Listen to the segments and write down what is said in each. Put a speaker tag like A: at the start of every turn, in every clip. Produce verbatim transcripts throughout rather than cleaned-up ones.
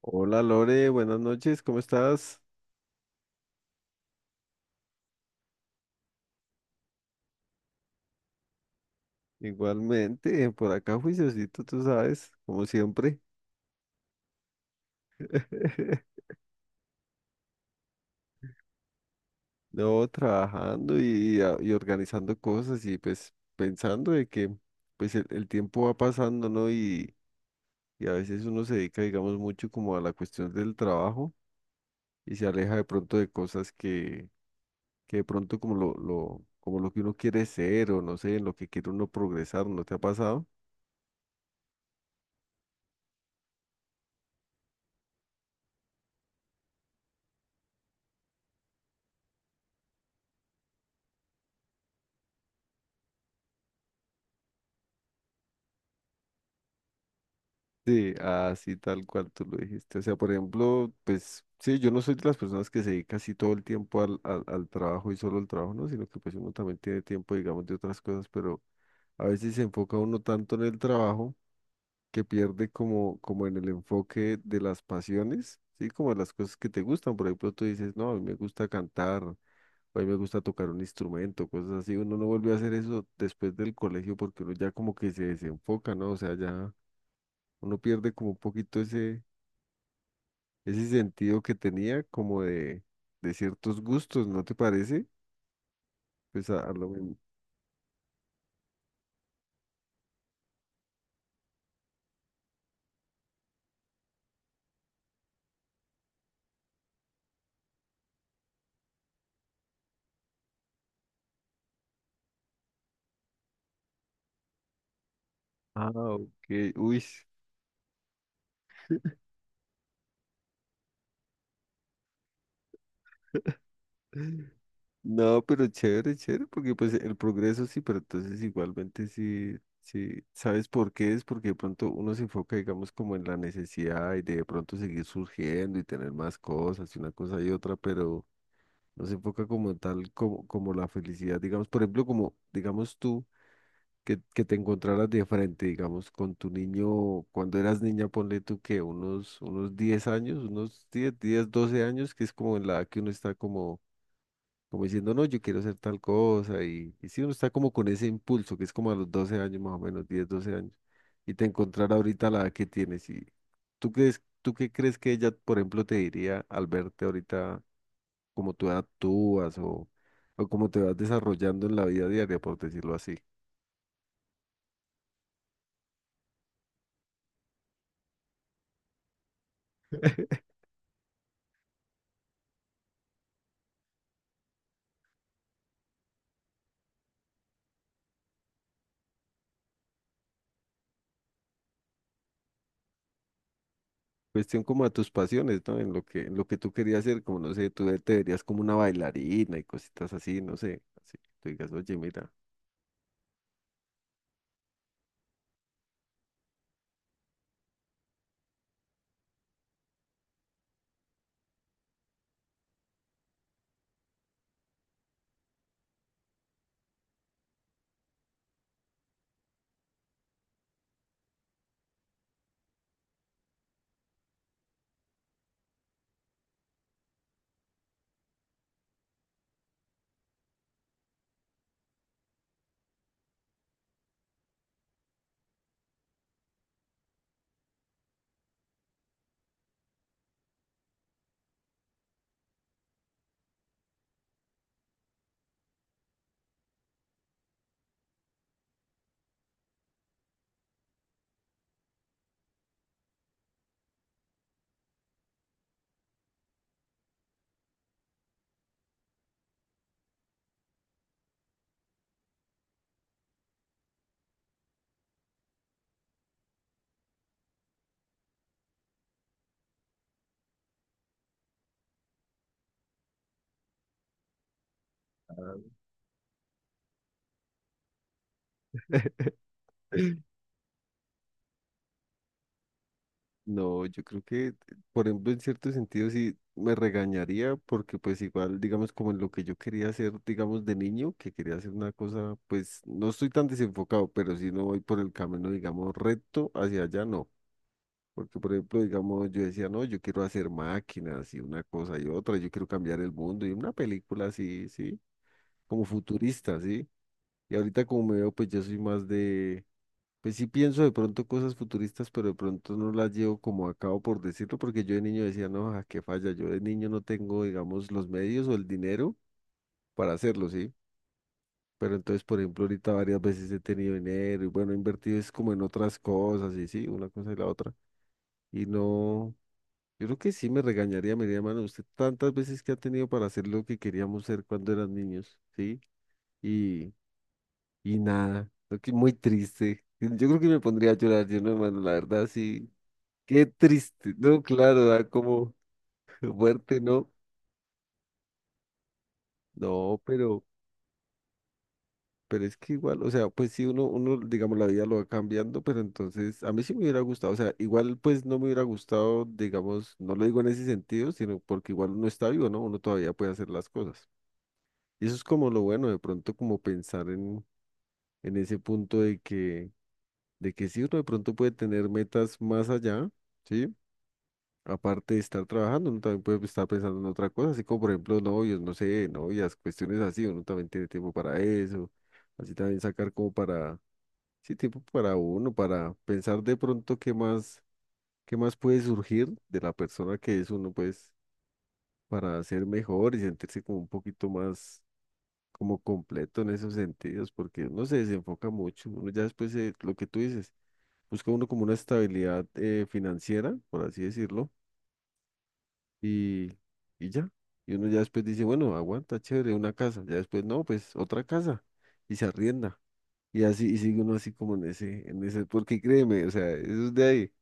A: Hola Lore, buenas noches, ¿cómo estás? Igualmente, por acá juiciosito, tú sabes, como siempre. No, trabajando y, a- y organizando cosas y pues pensando de que pues el, el tiempo va pasando, ¿no? Y, y a veces uno se dedica, digamos, mucho como a la cuestión del trabajo y se aleja de pronto de cosas que, que de pronto como lo, lo, como lo que uno quiere ser o no sé, en lo que quiere uno progresar, ¿no te ha pasado? Sí, así tal cual tú lo dijiste. O sea, por ejemplo, pues sí, yo no soy de las personas que se dedica así todo el tiempo al, al, al trabajo y solo al trabajo, ¿no? Sino que pues uno también tiene tiempo, digamos, de otras cosas, pero a veces se enfoca uno tanto en el trabajo que pierde como, como en el enfoque de las pasiones, ¿sí? Como de las cosas que te gustan. Por ejemplo, tú dices, no, a mí me gusta cantar, o a mí me gusta tocar un instrumento, cosas así. Uno no vuelve a hacer eso después del colegio porque uno ya como que se desenfoca, ¿no? O sea, ya uno pierde como un poquito ese ese sentido que tenía como de, de ciertos gustos, ¿no te parece? Pues a, a lo men- Ah, ok, uy. No, pero chévere, chévere, porque pues el progreso sí, pero entonces igualmente sí, sí, ¿sabes por qué? Es porque de pronto uno se enfoca, digamos, como en la necesidad y de pronto seguir surgiendo y tener más cosas y una cosa y otra, pero no se enfoca como en tal, como, como la felicidad, digamos, por ejemplo, como, digamos tú. que, que te encontraras de frente, digamos, con tu niño, cuando eras niña, ponle tú que unos, unos diez años, unos diez 10, doce años, que es como en la edad que uno está como, como diciendo, no, yo quiero hacer tal cosa, y, y si uno está como con ese impulso, que es como a los doce años más o menos, diez doce años, y te encontrar ahorita la edad que tienes, y tú crees, tú qué crees que ella, por ejemplo, te diría al verte ahorita, cómo tú actúas o, o cómo te vas desarrollando en la vida diaria, por decirlo así. Cuestión como a tus pasiones, ¿no? En lo que, en lo que tú querías hacer, como no sé, tú de- te verías como una bailarina y cositas así, no sé, así, tú digas, oye, mira, no, yo creo que, por ejemplo, en cierto sentido sí me regañaría porque pues igual, digamos, como en lo que yo quería hacer, digamos, de niño, que quería hacer una cosa, pues no estoy tan desenfocado, pero si no voy por el camino, digamos, recto hacia allá, no. Porque, por ejemplo, digamos, yo decía, no, yo quiero hacer máquinas y una cosa y otra, yo quiero cambiar el mundo y una película así, sí. Como futurista, ¿sí? Y ahorita como me veo, pues yo soy más de, pues sí pienso de pronto cosas futuristas, pero de pronto no las llevo como a cabo por decirlo, porque yo de niño decía, no, a qué falla, yo de niño no tengo, digamos, los medios o el dinero para hacerlo, ¿sí? Pero entonces, por ejemplo, ahorita varias veces he tenido dinero y bueno, he invertido es como en otras cosas y sí, una cosa y la otra. Y no, yo creo que sí me regañaría, me diría, mano, usted tantas veces que ha tenido para hacer lo que queríamos ser cuando eran niños, ¿sí? Y, y nada, creo que muy triste. Yo creo que me pondría a llorar yo, no, hermano, la verdad, sí. Qué triste, no, claro, da como fuerte, ¿no? No, pero, pero es que igual, o sea, pues sí, uno, uno, digamos, la vida lo va cambiando, pero entonces, a mí sí me hubiera gustado, o sea, igual pues no me hubiera gustado, digamos, no lo digo en ese sentido, sino porque igual uno está vivo, ¿no? Uno todavía puede hacer las cosas. Y eso es como lo bueno, de pronto como pensar en, en ese punto de que, de que sí, uno de pronto puede tener metas más allá. ¿Sí? Aparte de estar trabajando, uno también puede estar pensando en otra cosa, así como por ejemplo novios, no sé, novias, cuestiones así, uno también tiene tiempo para eso, así también sacar como para, sí, tiempo para uno, para pensar de pronto qué más, qué más puede surgir de la persona que es uno, pues, para ser mejor y sentirse como un poquito más como completo en esos sentidos, porque uno se desenfoca mucho, uno ya después, eh, lo que tú dices, busca uno como una estabilidad eh, financiera, por así decirlo y, y ya. Y uno ya después dice, bueno, aguanta, chévere, una casa. Ya después, no, pues otra casa. Y se arrienda. Y así, y sigue uno así como en ese, en ese, porque créeme, o sea, eso es de ahí.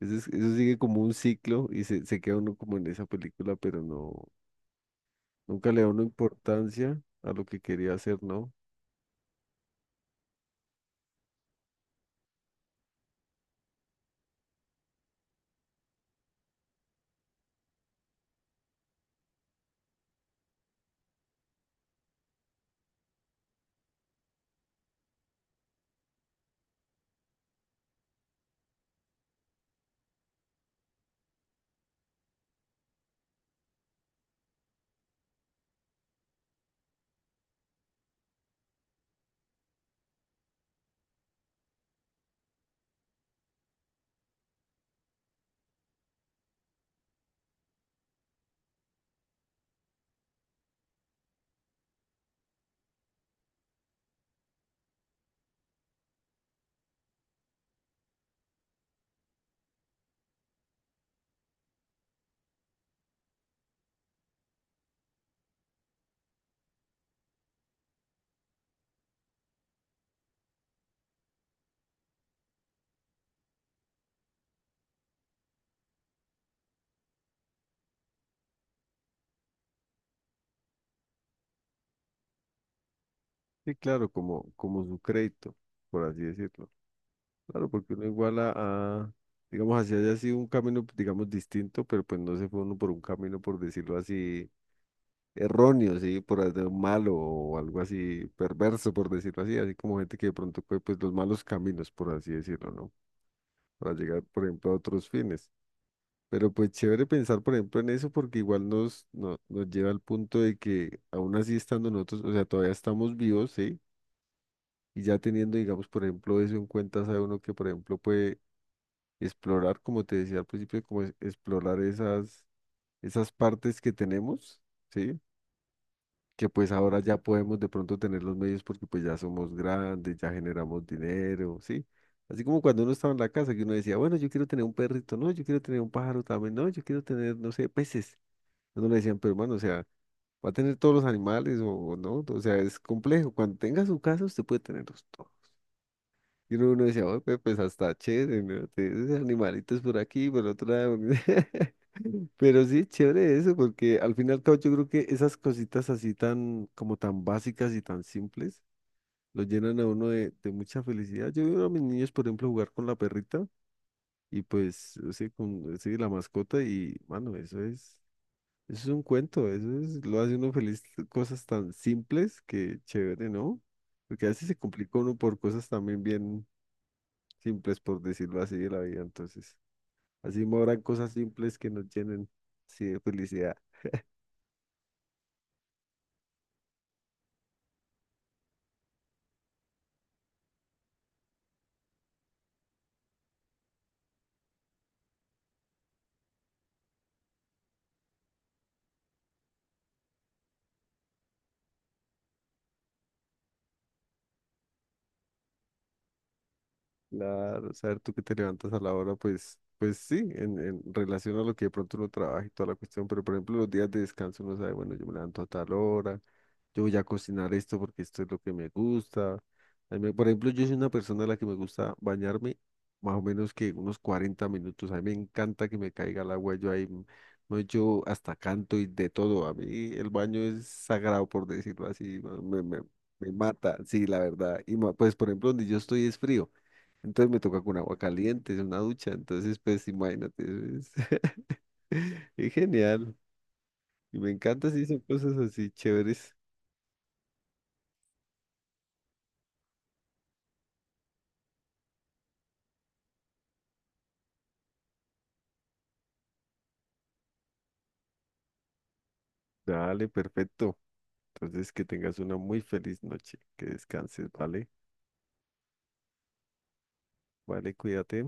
A: Eso, es- eso sigue como un ciclo y se, se queda uno como en esa película, pero no, nunca le da una importancia a lo que quería hacer, ¿no? Sí, claro, como, como su crédito, por así decirlo. Claro, porque uno igual a, a- digamos, así haya sido un camino, digamos, distinto, pero pues no se fue uno por un camino, por decirlo así erróneo, sí, por hacer malo o algo así perverso, por decirlo así, así como gente que de pronto coge pues los malos caminos, por así decirlo, ¿no? Para llegar, por ejemplo, a otros fines. Pero pues chévere pensar, por ejemplo, en eso porque igual nos, no- nos lleva al punto de que aún así estando nosotros, o sea, todavía estamos vivos, ¿sí? Y ya teniendo, digamos, por ejemplo, eso en cuenta, sabe uno que, por ejemplo, puede explorar, como te decía al principio, como es- explorar esas, esas partes que tenemos, ¿sí? Que pues ahora ya podemos de pronto tener los medios porque pues ya somos grandes, ya generamos dinero, ¿sí? Así como cuando uno estaba en la casa que uno decía, bueno, yo quiero tener un perrito, no, yo quiero tener un pájaro también, no, yo quiero tener, no sé, peces. Uno le decían, pero hermano, o sea, va a tener todos los animales o, o no, o sea, es complejo. Cuando tenga su casa, usted puede tenerlos todos. Y uno, uno decía, oye, pues pues, hasta chévere, ¿no? Tienes animalitos por aquí, por otro lado. Pero sí, chévere eso, porque al final y al cabo yo creo que esas cositas así tan, como tan básicas y tan simples, lo llenan a uno de, de mucha felicidad. Yo veo a mis niños, por ejemplo, jugar con la perrita y pues, o sea, con sí, la mascota y, mano, eso es, eso es un cuento, eso es, lo hace uno feliz, cosas tan simples que chévere, ¿no? Porque a veces se complica uno por cosas también bien simples, por decirlo así, de la vida. Entonces, así me habrán cosas simples que nos llenen, sí, de felicidad. Claro, saber tú que te levantas a la hora, pues, pues sí, en, en relación a lo que de pronto uno trabaja y toda la cuestión, pero por ejemplo los días de descanso uno sabe, bueno, yo me levanto a tal hora, yo voy a cocinar esto porque esto es lo que me gusta. A mí me- por ejemplo, yo soy una persona a la que me gusta bañarme más o menos que unos cuarenta minutos, a mí me encanta que me caiga el agua, yo ahí, m- no, yo hasta canto y de todo, a mí el baño es sagrado, por decirlo así, ¿no? me, me, me mata, sí, la verdad, y ma- pues por ejemplo donde yo estoy es frío. Entonces me toca con agua caliente, es una ducha. Entonces, pues imagínate, es, es genial. Y me encanta si son cosas así chéveres. Dale, perfecto. Entonces, que tengas una muy feliz noche. Que descanses, ¿vale? Vale, cuídate.